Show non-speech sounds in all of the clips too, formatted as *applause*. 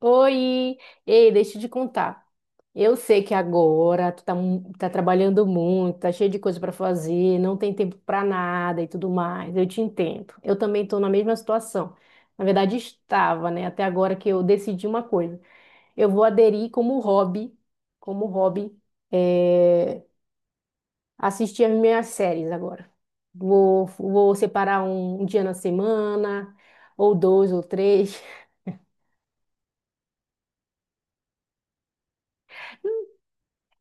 Oi! Ei, deixa eu te contar. Eu sei que agora tu tá, tá trabalhando muito, tá cheio de coisa pra fazer, não tem tempo pra nada e tudo mais. Eu te entendo. Eu também tô na mesma situação. Na verdade, estava, né? Até agora que eu decidi uma coisa. Eu vou aderir como hobby, eh, assistir as minhas séries agora. Vou separar um dia na semana, ou dois, ou três.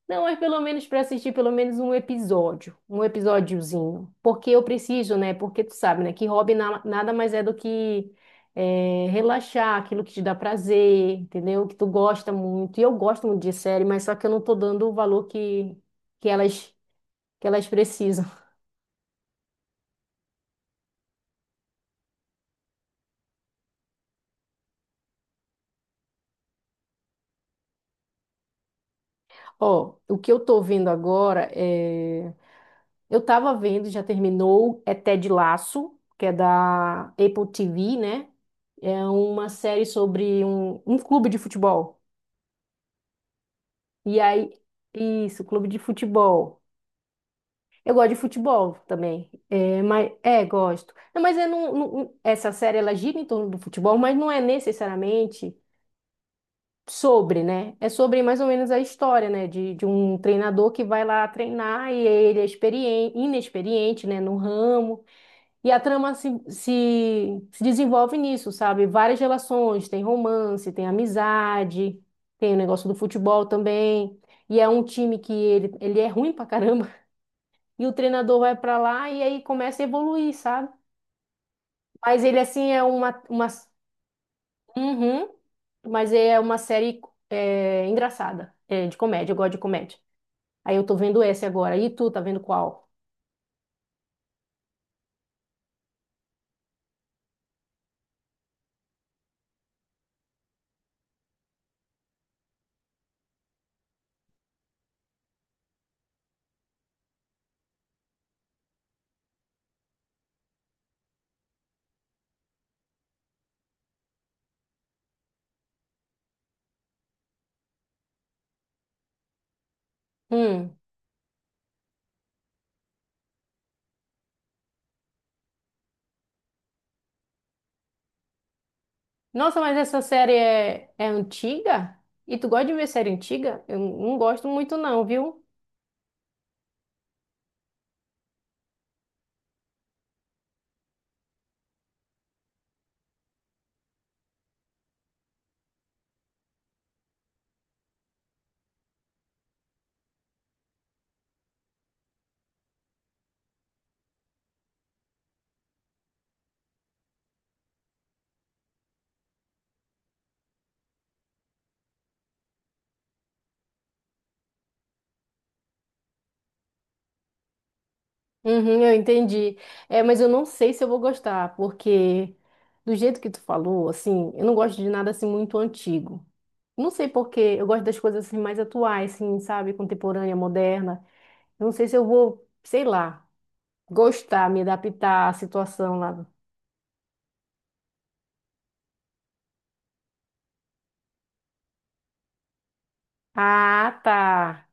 Não, mas pelo menos para assistir pelo menos um episódio, um episódiozinho. Porque eu preciso, né? Porque tu sabe, né? Que hobby nada mais é do que relaxar, aquilo que te dá prazer, entendeu? Que tu gosta muito. E eu gosto muito de série, mas só que eu não tô dando o valor que elas, que elas precisam. *laughs* Ó, o que eu tô vendo agora é. Eu tava vendo, já terminou, é Ted Lasso, que é da Apple TV, né? É uma série sobre um, um clube de futebol. E aí, isso, clube de futebol. Eu gosto de futebol também. É, mas, é, gosto. Não, mas eu essa série ela gira em torno do futebol, mas não é necessariamente sobre, né? É sobre mais ou menos a história, né? De um treinador que vai lá treinar e ele é experiente, inexperiente, né? No ramo. E a trama se desenvolve nisso, sabe? Várias relações, tem romance, tem amizade, tem o negócio do futebol também. E é um time que ele é ruim pra caramba. *laughs* E o treinador vai pra lá e aí começa a evoluir, sabe? Mas ele, assim, é uma... Uhum, mas é uma série é, engraçada, é, de comédia, eu gosto de comédia. Aí eu tô vendo essa agora. E tu, tá vendo qual? Hum. Nossa, mas essa série é, é antiga? E tu gosta de ver série antiga? Eu não gosto muito não, viu? Uhum, eu entendi. É, mas eu não sei se eu vou gostar, porque do jeito que tu falou, assim, eu não gosto de nada assim muito antigo. Não sei por quê, eu gosto das coisas assim mais atuais, assim, sabe, contemporânea, moderna. Eu não sei se eu vou, sei lá, gostar, me adaptar à situação lá. Ah, tá.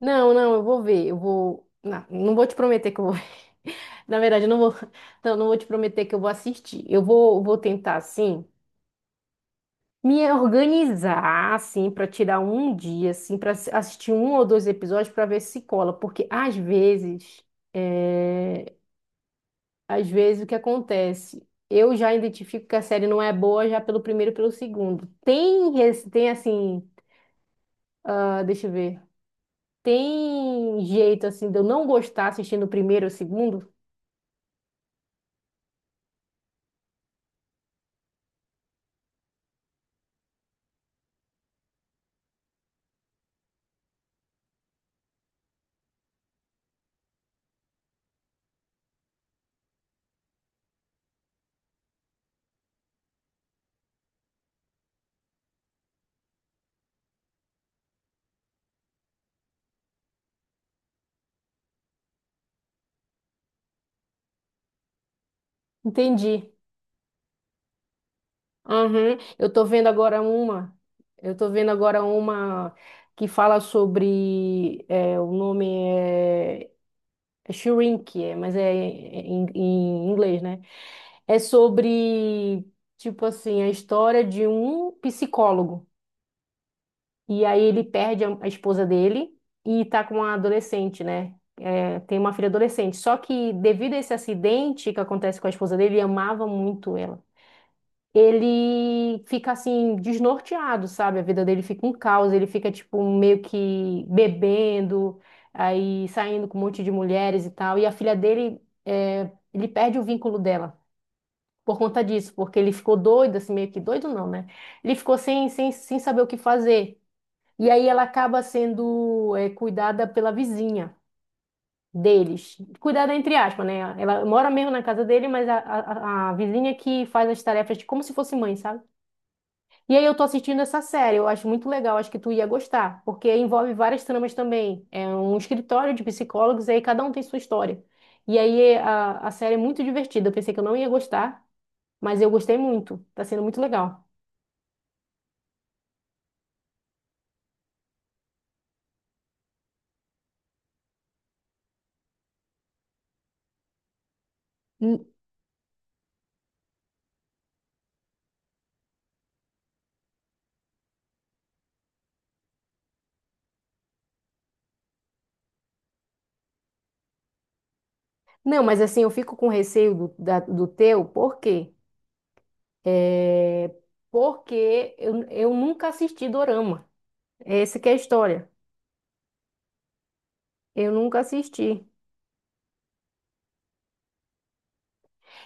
Não, não, eu vou ver. Eu vou. Não, não vou te prometer que eu vou ver. *laughs* Na verdade, eu não vou. *laughs* Não, não vou te prometer que eu vou assistir. Eu vou tentar, assim, me organizar, assim, para tirar um dia, assim, para assistir um ou dois episódios para ver se cola. Porque às vezes, é, às vezes o que acontece? Eu já identifico que a série não é boa já pelo primeiro e pelo segundo. Tem, tem assim, ah, deixa eu ver. Tem jeito assim de eu não gostar assistindo o primeiro ou o segundo? Entendi. Aham. Eu tô vendo agora uma. Eu tô vendo agora uma que fala sobre é, o nome é, é Shrink, é, mas é em, em inglês, né? É sobre tipo assim a história de um psicólogo e aí ele perde a esposa dele e tá com uma adolescente, né? É, tem uma filha adolescente. Só que devido a esse acidente que acontece com a esposa dele, ele amava muito ela. Ele fica assim desnorteado, sabe? A vida dele fica um caos, ele fica tipo meio que bebendo, aí saindo com um monte de mulheres e tal. E a filha dele, é, ele perde o vínculo dela por conta disso, porque ele ficou doido, assim, meio que doido não, né? Ele ficou sem saber o que fazer. E aí ela acaba sendo, é, cuidada pela vizinha. Deles. Cuidada entre aspas, né? Ela mora mesmo na casa dele, mas a, a vizinha que faz as tarefas de como se fosse mãe, sabe? E aí eu tô assistindo essa série, eu acho muito legal, acho que tu ia gostar, porque envolve várias tramas também. É um escritório de psicólogos, e aí cada um tem sua história. E aí a série é muito divertida, eu pensei que eu não ia gostar, mas eu gostei muito, tá sendo muito legal. N- Não, mas assim, eu fico com receio do teu, por quê? É, porque eu nunca assisti Dorama, essa que é a história, eu nunca assisti.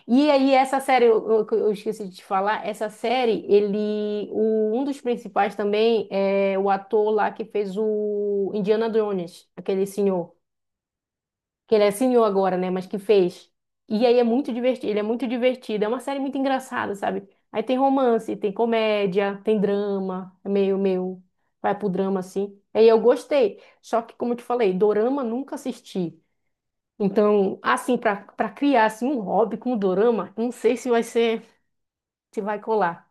E aí, essa série, eu, eu esqueci de te falar, essa série, ele, um dos principais também é o ator lá que fez o Indiana Jones, aquele senhor, que ele é senhor agora, né, mas que fez. E aí é muito divertido, ele é muito divertido, é uma série muito engraçada, sabe? Aí tem romance, tem comédia, tem drama, é meio, meio, vai pro drama assim. Aí eu gostei, só que como eu te falei, dorama nunca assisti. Então, assim, para criar assim, um hobby com dorama, não sei se vai ser te vai colar.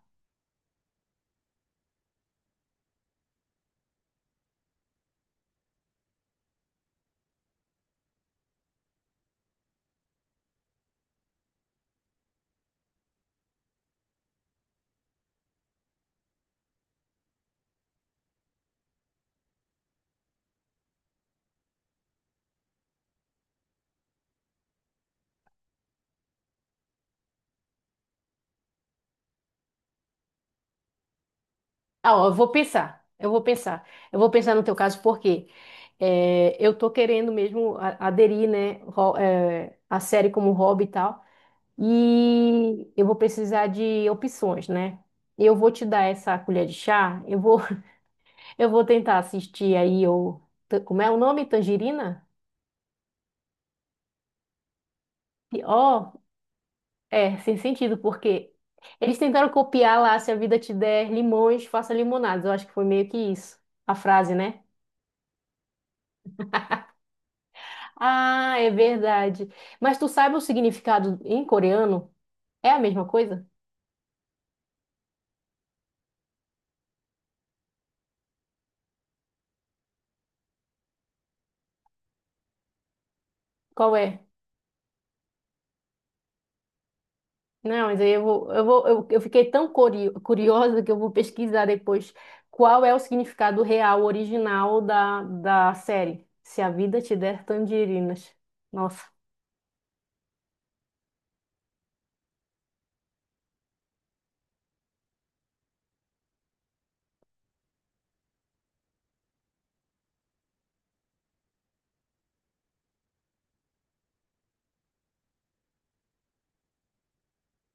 Ah, ó, eu vou pensar. Eu vou pensar. Eu vou pensar no teu caso, porque eu tô querendo mesmo aderir, né, é, a série como hobby e tal. E eu vou precisar de opções, né? Eu vou te dar essa colher de chá. Eu vou, *laughs* eu vou tentar assistir aí o, como é o nome? Tangerina? E, Ó, é, sem sentido, porque eles tentaram copiar lá, se a vida te der limões, faça limonadas. Eu acho que foi meio que isso, a frase, né? Ah, é verdade. Mas tu sabe o significado em coreano? É a mesma coisa? Qual é? Não, mas aí eu vou, eu vou, eu fiquei tão curiosa que eu vou pesquisar depois qual é o significado real, original da, da série. Se a vida te der tangerinas. Nossa.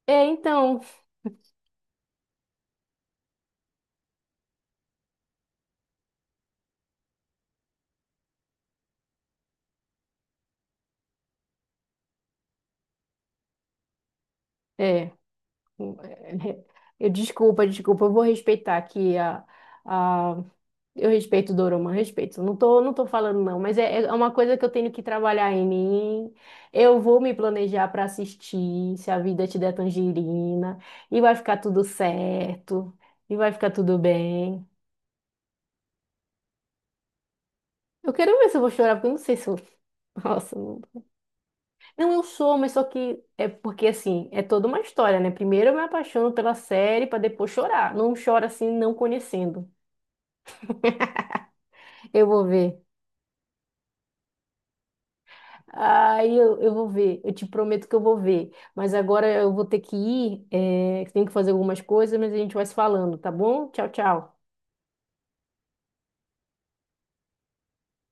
É, então. É. É, eu desculpa, desculpa. Eu vou respeitar aqui a. Eu respeito Dorama, respeito. Não tô, não tô falando não, mas é, é uma coisa que eu tenho que trabalhar em mim. Eu vou me planejar para assistir, se a vida te der tangerina, e vai ficar tudo certo, e vai ficar tudo bem. Eu quero ver se eu vou chorar, porque eu não sei se eu... *laughs* Nossa, não... Não, eu sou, mas só que é porque assim, é toda uma história, né? Primeiro eu me apaixono pela série para depois chorar. Não chora assim não conhecendo. *laughs* Eu vou ver. Aí eu vou ver, eu te prometo que eu vou ver. Mas agora eu vou ter que ir, é, que tenho que fazer algumas coisas, mas a gente vai se falando, tá bom? Tchau, tchau.